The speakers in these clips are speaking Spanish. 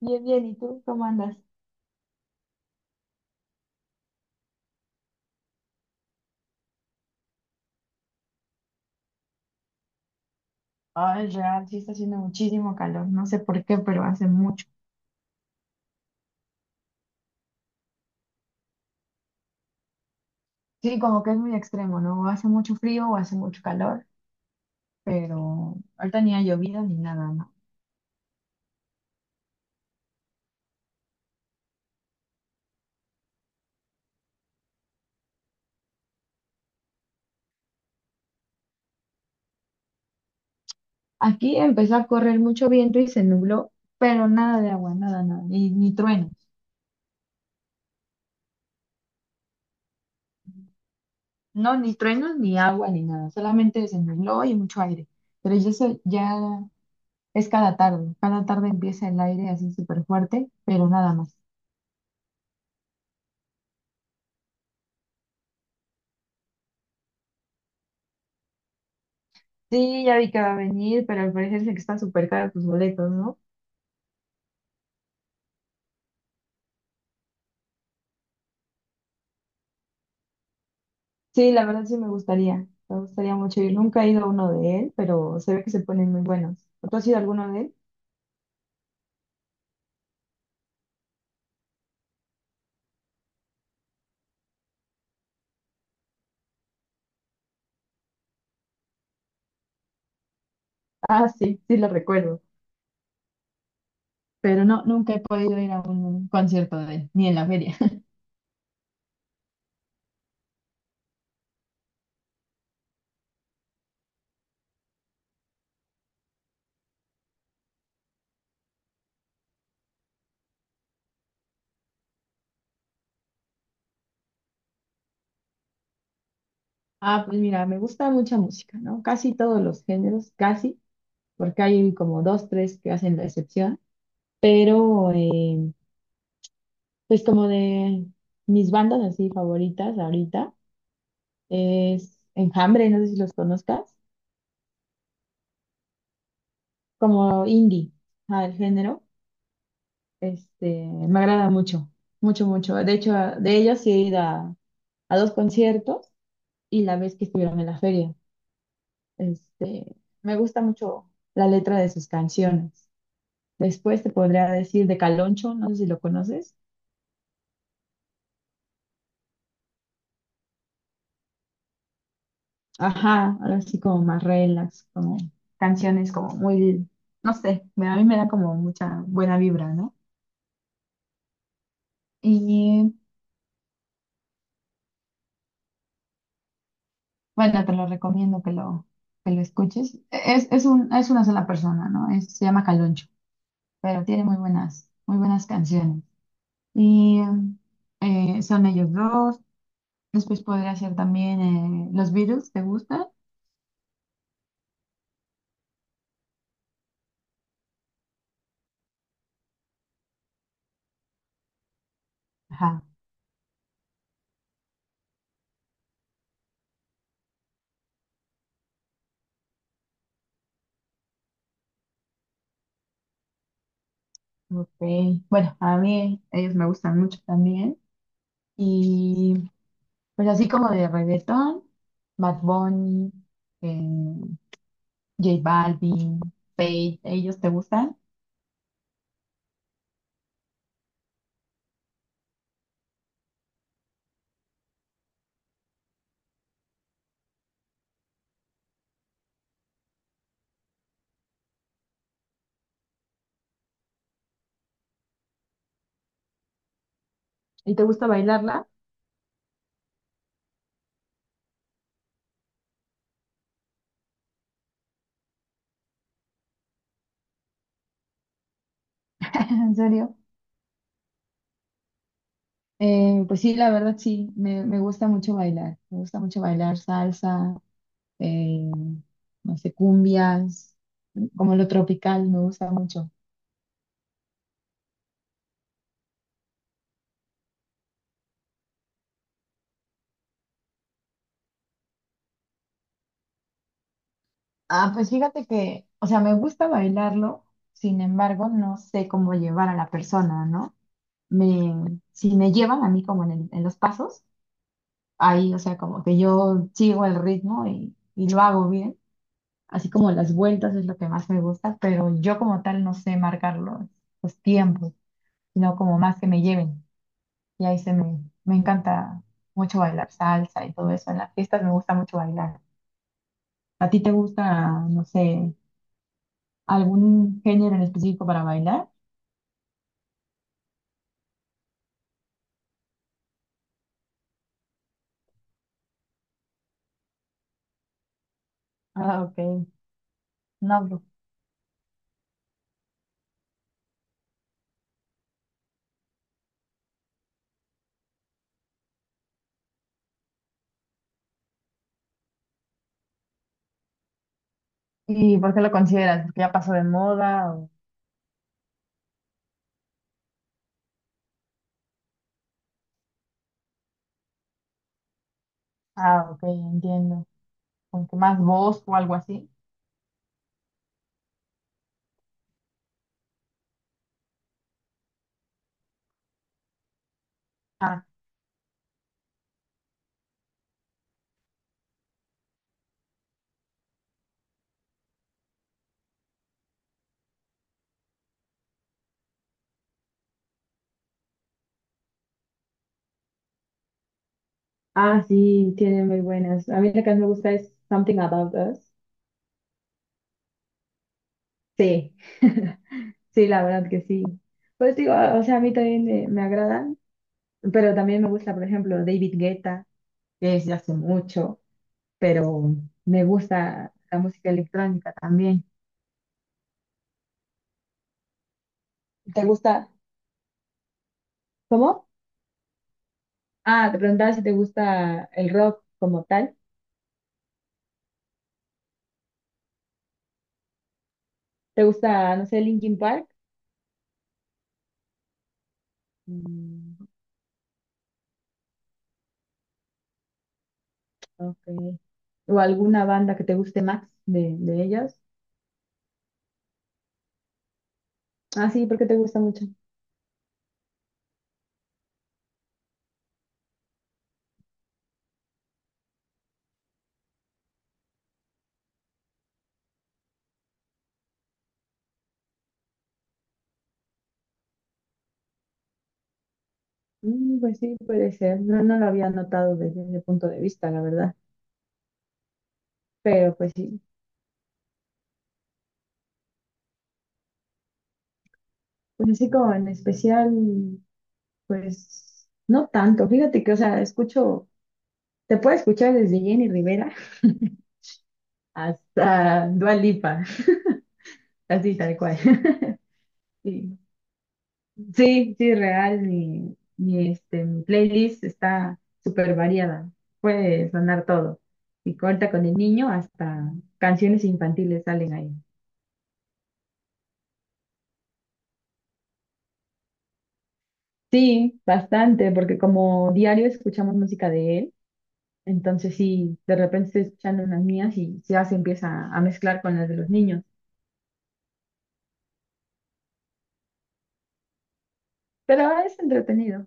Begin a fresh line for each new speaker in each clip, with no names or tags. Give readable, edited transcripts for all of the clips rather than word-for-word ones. Bien, bien, ¿y tú cómo andas? Ay, real, sí está haciendo muchísimo calor, no sé por qué, pero hace mucho. Sí, como que es muy extremo, ¿no? O hace mucho frío o hace mucho calor, pero ahorita ni ha llovido ni nada, ¿no? Aquí empezó a correr mucho viento y se nubló, pero nada de agua, nada, nada, ni truenos. No, ni truenos, ni agua, ni nada, solamente se nubló y mucho aire. Pero ya, ya es cada tarde empieza el aire así súper fuerte, pero nada más. Sí, ya vi que va a venir, pero al parecer sé que están súper caros tus boletos, ¿no? Sí, la verdad sí me gustaría mucho ir. Nunca he ido a uno de él, pero se ve que se ponen muy buenos. ¿Tú has ido a alguno de él? Ah, sí, sí lo recuerdo, pero no, nunca he podido ir a un concierto de él, ni en la feria. Ah, pues mira, me gusta mucha música, ¿no? Casi todos los géneros, casi, porque hay como dos, tres que hacen la excepción, pero eh, pues como de mis bandas así favoritas ahorita. Es Enjambre, no sé si los conozcas, como indie, ah, el género, este, me agrada mucho, mucho, mucho. De hecho, de ellos sí he ido a dos conciertos y la vez que estuvieron en la feria, este, me gusta mucho la letra de sus canciones. Después te podría decir de Caloncho, no sé si lo conoces. Ajá, ahora sí como más relax, como canciones como muy, no sé, a mí me da como mucha buena vibra, ¿no? Y bueno, te lo recomiendo que lo escuches. Es una sola persona, ¿no? Se llama Caloncho, pero tiene muy buenas canciones. Y son ellos dos. Después podría ser también los Beatles, ¿te gustan? Ajá, ok. Bueno, a mí ellos me gustan mucho también. Y pues así como de reggaetón, Bad Bunny, eh, J Balvin, Feid, ¿ellos te gustan? ¿Y te gusta bailarla? En serio. Pues sí, la verdad sí, me gusta mucho bailar. Me gusta mucho bailar salsa, eh, no sé, cumbias, como lo tropical, me gusta mucho. Ah, pues fíjate que, o sea, me gusta bailarlo, sin embargo, no sé cómo llevar a la persona, ¿no? Me, si me llevan a mí como en, en los pasos. Ahí, o sea, como que yo sigo el ritmo y lo hago bien, así como las vueltas es lo que más me gusta, pero yo como tal no sé marcar los tiempos, sino como más que me lleven. Y ahí se me, me encanta mucho bailar salsa y todo eso. En las fiestas me gusta mucho bailar. ¿A ti te gusta, no sé, algún género en específico para bailar? Ah, ok. No, pues, ¿y por qué lo consideras? ¿Porque ya pasó de moda? O… Ah, ok, entiendo. ¿Con que más voz o algo así? Ah, sí, tiene muy buenas. A mí la que más me gusta es Something About Us. Sí, sí, la verdad que sí. Pues digo, o sea, a mí también me agradan, pero también me gusta, por ejemplo, David Guetta, que es de hace mucho, pero me gusta la música electrónica también. ¿Te gusta? ¿Cómo? Ah, te preguntaba si te gusta el rock como tal. ¿Te gusta, no sé, Linkin Park? Mm, ok. ¿O alguna banda que te guste más de ellos? Ah, sí, porque te gusta mucho. Mm, pues sí, puede ser. No, no lo había notado desde ese punto de vista, la verdad. Pero pues sí, pues así como en especial, pues no tanto. Fíjate que, o sea, escucho, te puedo escuchar desde Jenny Rivera hasta Dua Lipa, así tal cual. Sí, sí, sí, real. Mi, este, mi playlist está súper variada. Puede sonar todo. Y corta con el niño hasta canciones infantiles salen ahí. Sí, bastante, porque como diario escuchamos música de él, entonces sí, de repente estoy escuchando unas mías y ya se empieza a mezclar con las de los niños. Pero es entretenido.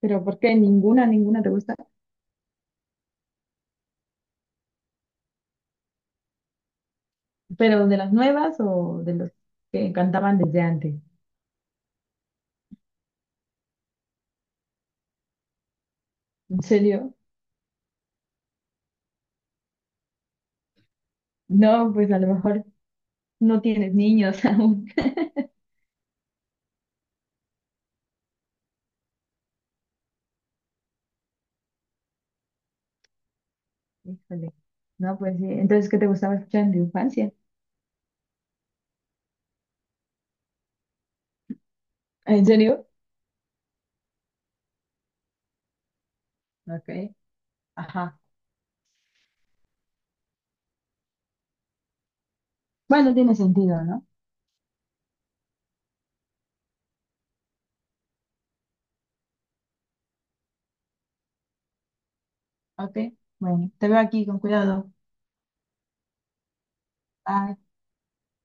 ¿Pero por qué? ¿Ninguna, ninguna te gusta? ¿Pero de las nuevas o de los que cantaban desde antes? ¿En serio? No, pues a lo mejor no tienes niños aún. Híjole. No, pues sí. Entonces, ¿qué te gustaba escuchar en tu infancia? ¿En serio? Ok. Ajá. Bueno, tiene sentido, ¿no? Ok, bueno, te veo aquí, con cuidado. Bye.